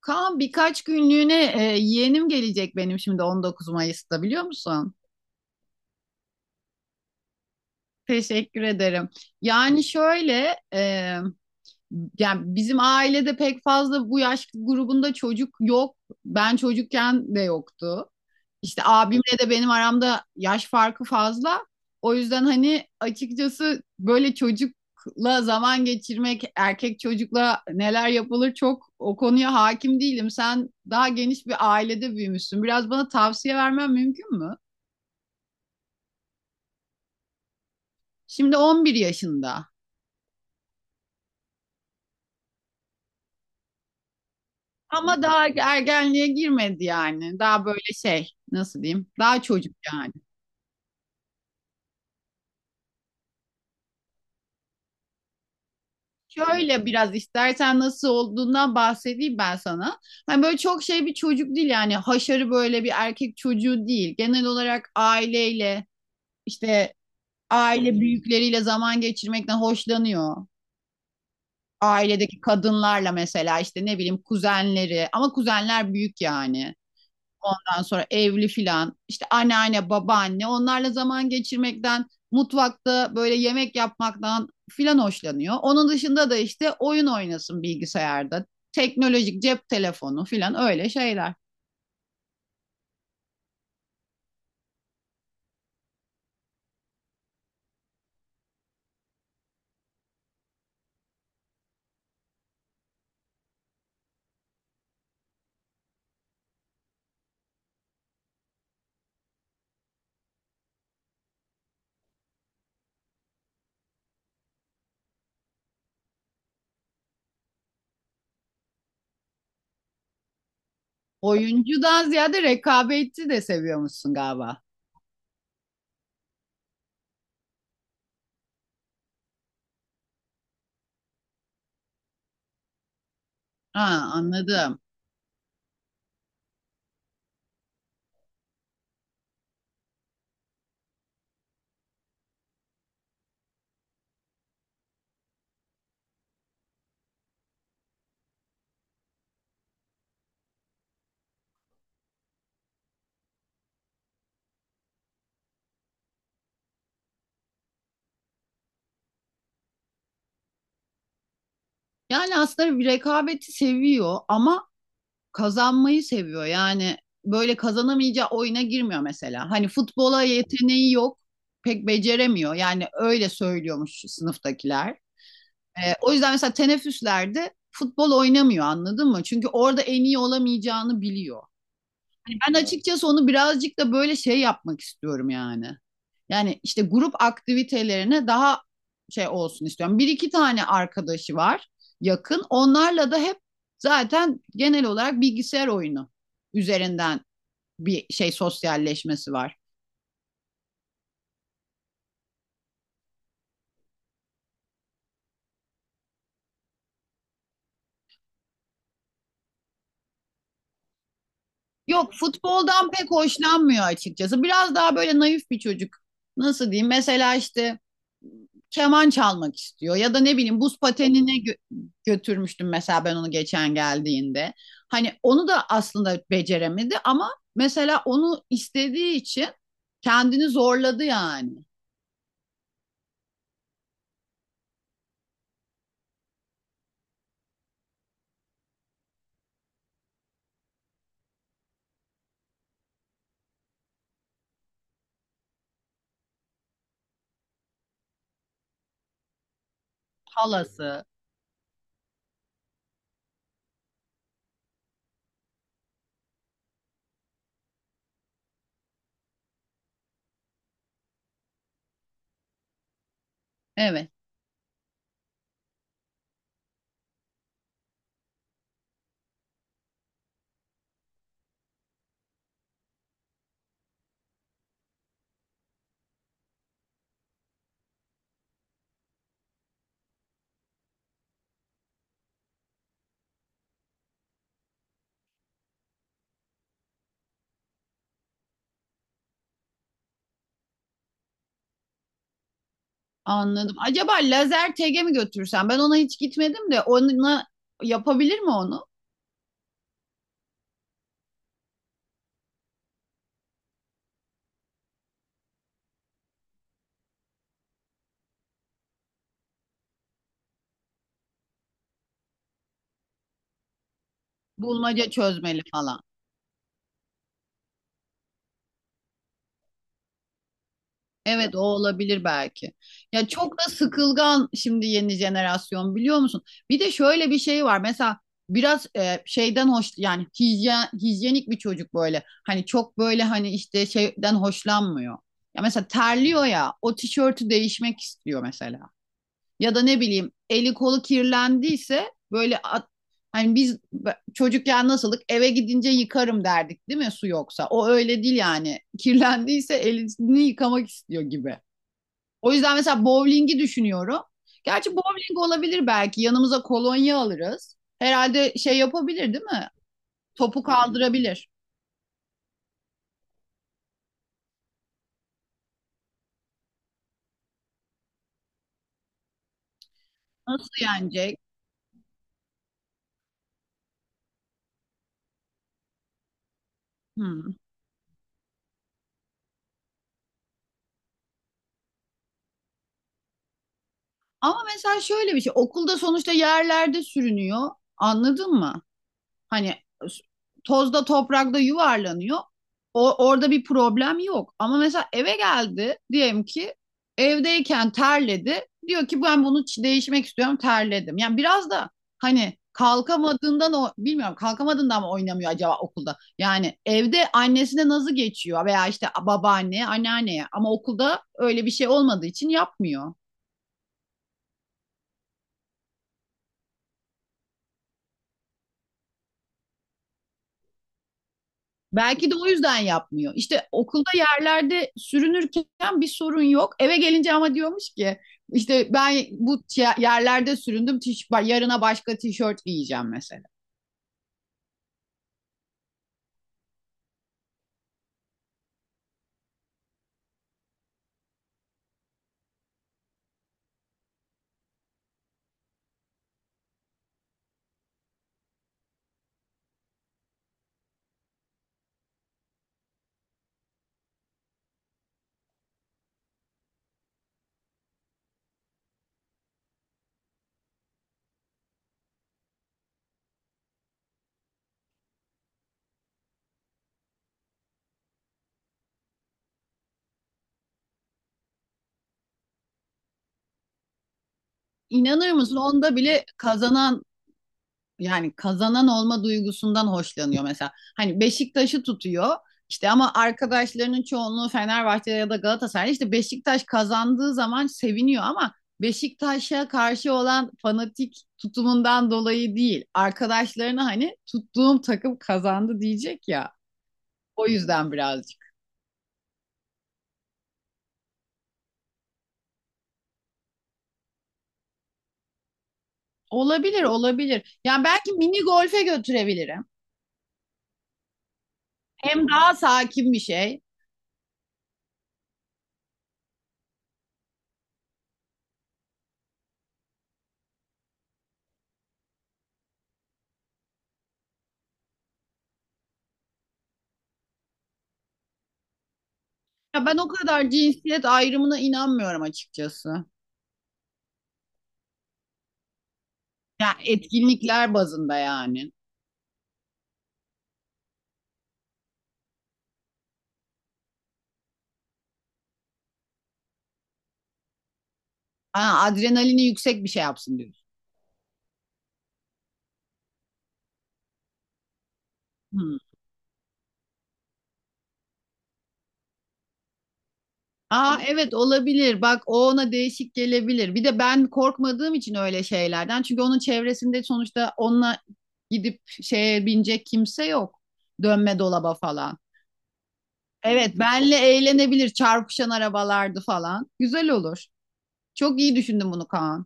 Kaan birkaç günlüğüne yeğenim gelecek benim şimdi 19 Mayıs'ta biliyor musun? Teşekkür ederim. Yani şöyle. Yani bizim ailede pek fazla bu yaş grubunda çocuk yok. Ben çocukken de yoktu. İşte abimle de benim aramda yaş farkı fazla. O yüzden hani açıkçası böyle çocukla zaman geçirmek, erkek çocukla neler yapılır çok o konuya hakim değilim. Sen daha geniş bir ailede büyümüşsün. Biraz bana tavsiye vermen mümkün mü? Şimdi 11 yaşında. Ama daha ergenliğe girmedi yani. Daha böyle şey, nasıl diyeyim? Daha çocuk yani. Şöyle biraz istersen nasıl olduğundan bahsedeyim ben sana. Hani böyle çok şey bir çocuk değil yani, haşarı böyle bir erkek çocuğu değil. Genel olarak aileyle işte aile büyükleriyle zaman geçirmekten hoşlanıyor. Ailedeki kadınlarla mesela işte, ne bileyim, kuzenleri, ama kuzenler büyük yani. Ondan sonra evli filan, işte anneanne, babaanne, onlarla zaman geçirmekten, mutfakta böyle yemek yapmaktan filan hoşlanıyor. Onun dışında da işte oyun oynasın bilgisayarda, teknolojik, cep telefonu filan, öyle şeyler. Oyuncudan ziyade rekabetçi de seviyormuşsun galiba. Ha, anladım. Yani aslında bir rekabeti seviyor ama kazanmayı seviyor. Yani böyle kazanamayacağı oyuna girmiyor mesela. Hani futbola yeteneği yok, pek beceremiyor. Yani öyle söylüyormuş sınıftakiler. O yüzden mesela teneffüslerde futbol oynamıyor, anladın mı? Çünkü orada en iyi olamayacağını biliyor. Ben açıkçası onu birazcık da böyle şey yapmak istiyorum yani. Yani işte grup aktivitelerine daha şey olsun istiyorum. Bir iki tane arkadaşı var yakın. Onlarla da hep zaten genel olarak bilgisayar oyunu üzerinden bir şey, sosyalleşmesi var. Yok, futboldan pek hoşlanmıyor açıkçası. Biraz daha böyle naif bir çocuk. Nasıl diyeyim? Mesela işte keman çalmak istiyor, ya da ne bileyim buz patenine götürmüştüm mesela ben onu geçen geldiğinde. Hani onu da aslında beceremedi ama mesela onu istediği için kendini zorladı yani. Halası. Evet, anladım. Acaba lazer tege mi götürsem? Ben ona hiç gitmedim de, ona yapabilir mi onu? Bulmaca çözmeli falan. Evet, o olabilir belki. Ya çok da sıkılgan şimdi yeni jenerasyon, biliyor musun? Bir de şöyle bir şey var. Mesela biraz şeyden hoş, yani hijyen, hijyenik bir çocuk böyle. Hani çok böyle, hani işte şeyden hoşlanmıyor. Ya mesela terliyor ya, o tişörtü değişmek istiyor mesela. Ya da ne bileyim eli kolu kirlendiyse böyle hani biz çocukken nasıldık, eve gidince yıkarım derdik değil mi, su yoksa. O öyle değil yani. Kirlendiyse elini yıkamak istiyor gibi. O yüzden mesela bowling'i düşünüyorum. Gerçi bowling olabilir belki. Yanımıza kolonya alırız. Herhalde şey yapabilir değil mi? Topu kaldırabilir. Nasıl yenecek? Hmm. Ama mesela şöyle bir şey. Okulda sonuçta yerlerde sürünüyor. Anladın mı? Hani tozda toprakta yuvarlanıyor. O, orada bir problem yok. Ama mesela eve geldi diyelim ki, evdeyken terledi. Diyor ki ben bunu değişmek istiyorum, terledim. Yani biraz da hani kalkamadığından, o bilmiyorum, kalkamadığından mı oynamıyor acaba okulda? Yani evde annesine nazı geçiyor veya işte babaanne, anneanneye, ama okulda öyle bir şey olmadığı için yapmıyor. Belki de o yüzden yapmıyor. İşte okulda yerlerde sürünürken bir sorun yok. Eve gelince ama diyormuş ki işte ben bu yerlerde süründüm, yarına başka tişört giyeceğim mesela. İnanır mısın? Onda bile kazanan, yani kazanan olma duygusundan hoşlanıyor mesela. Hani Beşiktaş'ı tutuyor. İşte ama arkadaşlarının çoğunluğu Fenerbahçe ya da Galatasaray. İşte Beşiktaş kazandığı zaman seviniyor, ama Beşiktaş'a karşı olan fanatik tutumundan dolayı değil. Arkadaşlarına hani tuttuğum takım kazandı diyecek ya. O yüzden birazcık. Olabilir, olabilir. Yani belki mini golfe götürebilirim. Hem daha sakin bir şey. Ya ben o kadar cinsiyet ayrımına inanmıyorum açıkçası. Ya etkinlikler bazında yani. Ha, adrenalini yüksek bir şey yapsın diyorsun. Hmm. Aa, evet, olabilir. Bak, o ona değişik gelebilir. Bir de ben korkmadığım için öyle şeylerden. Çünkü onun çevresinde sonuçta onunla gidip şeye binecek kimse yok. Dönme dolaba falan. Evet, benle eğlenebilir, çarpışan arabalardı falan. Güzel olur. Çok iyi düşündün bunu, Kaan.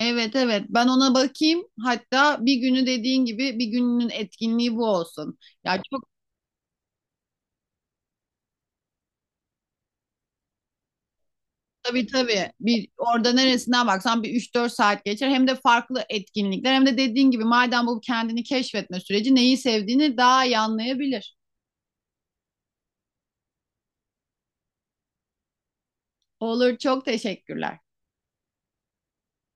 Evet evet, ben ona bakayım. Hatta bir günü, dediğin gibi, bir gününün etkinliği bu olsun. Ya çok. Tabii tabii. Bir orada neresinden baksan bir 3-4 saat geçer. Hem de farklı etkinlikler, hem de dediğin gibi madem bu kendini keşfetme süreci, neyi sevdiğini daha iyi anlayabilir. Olur, çok teşekkürler.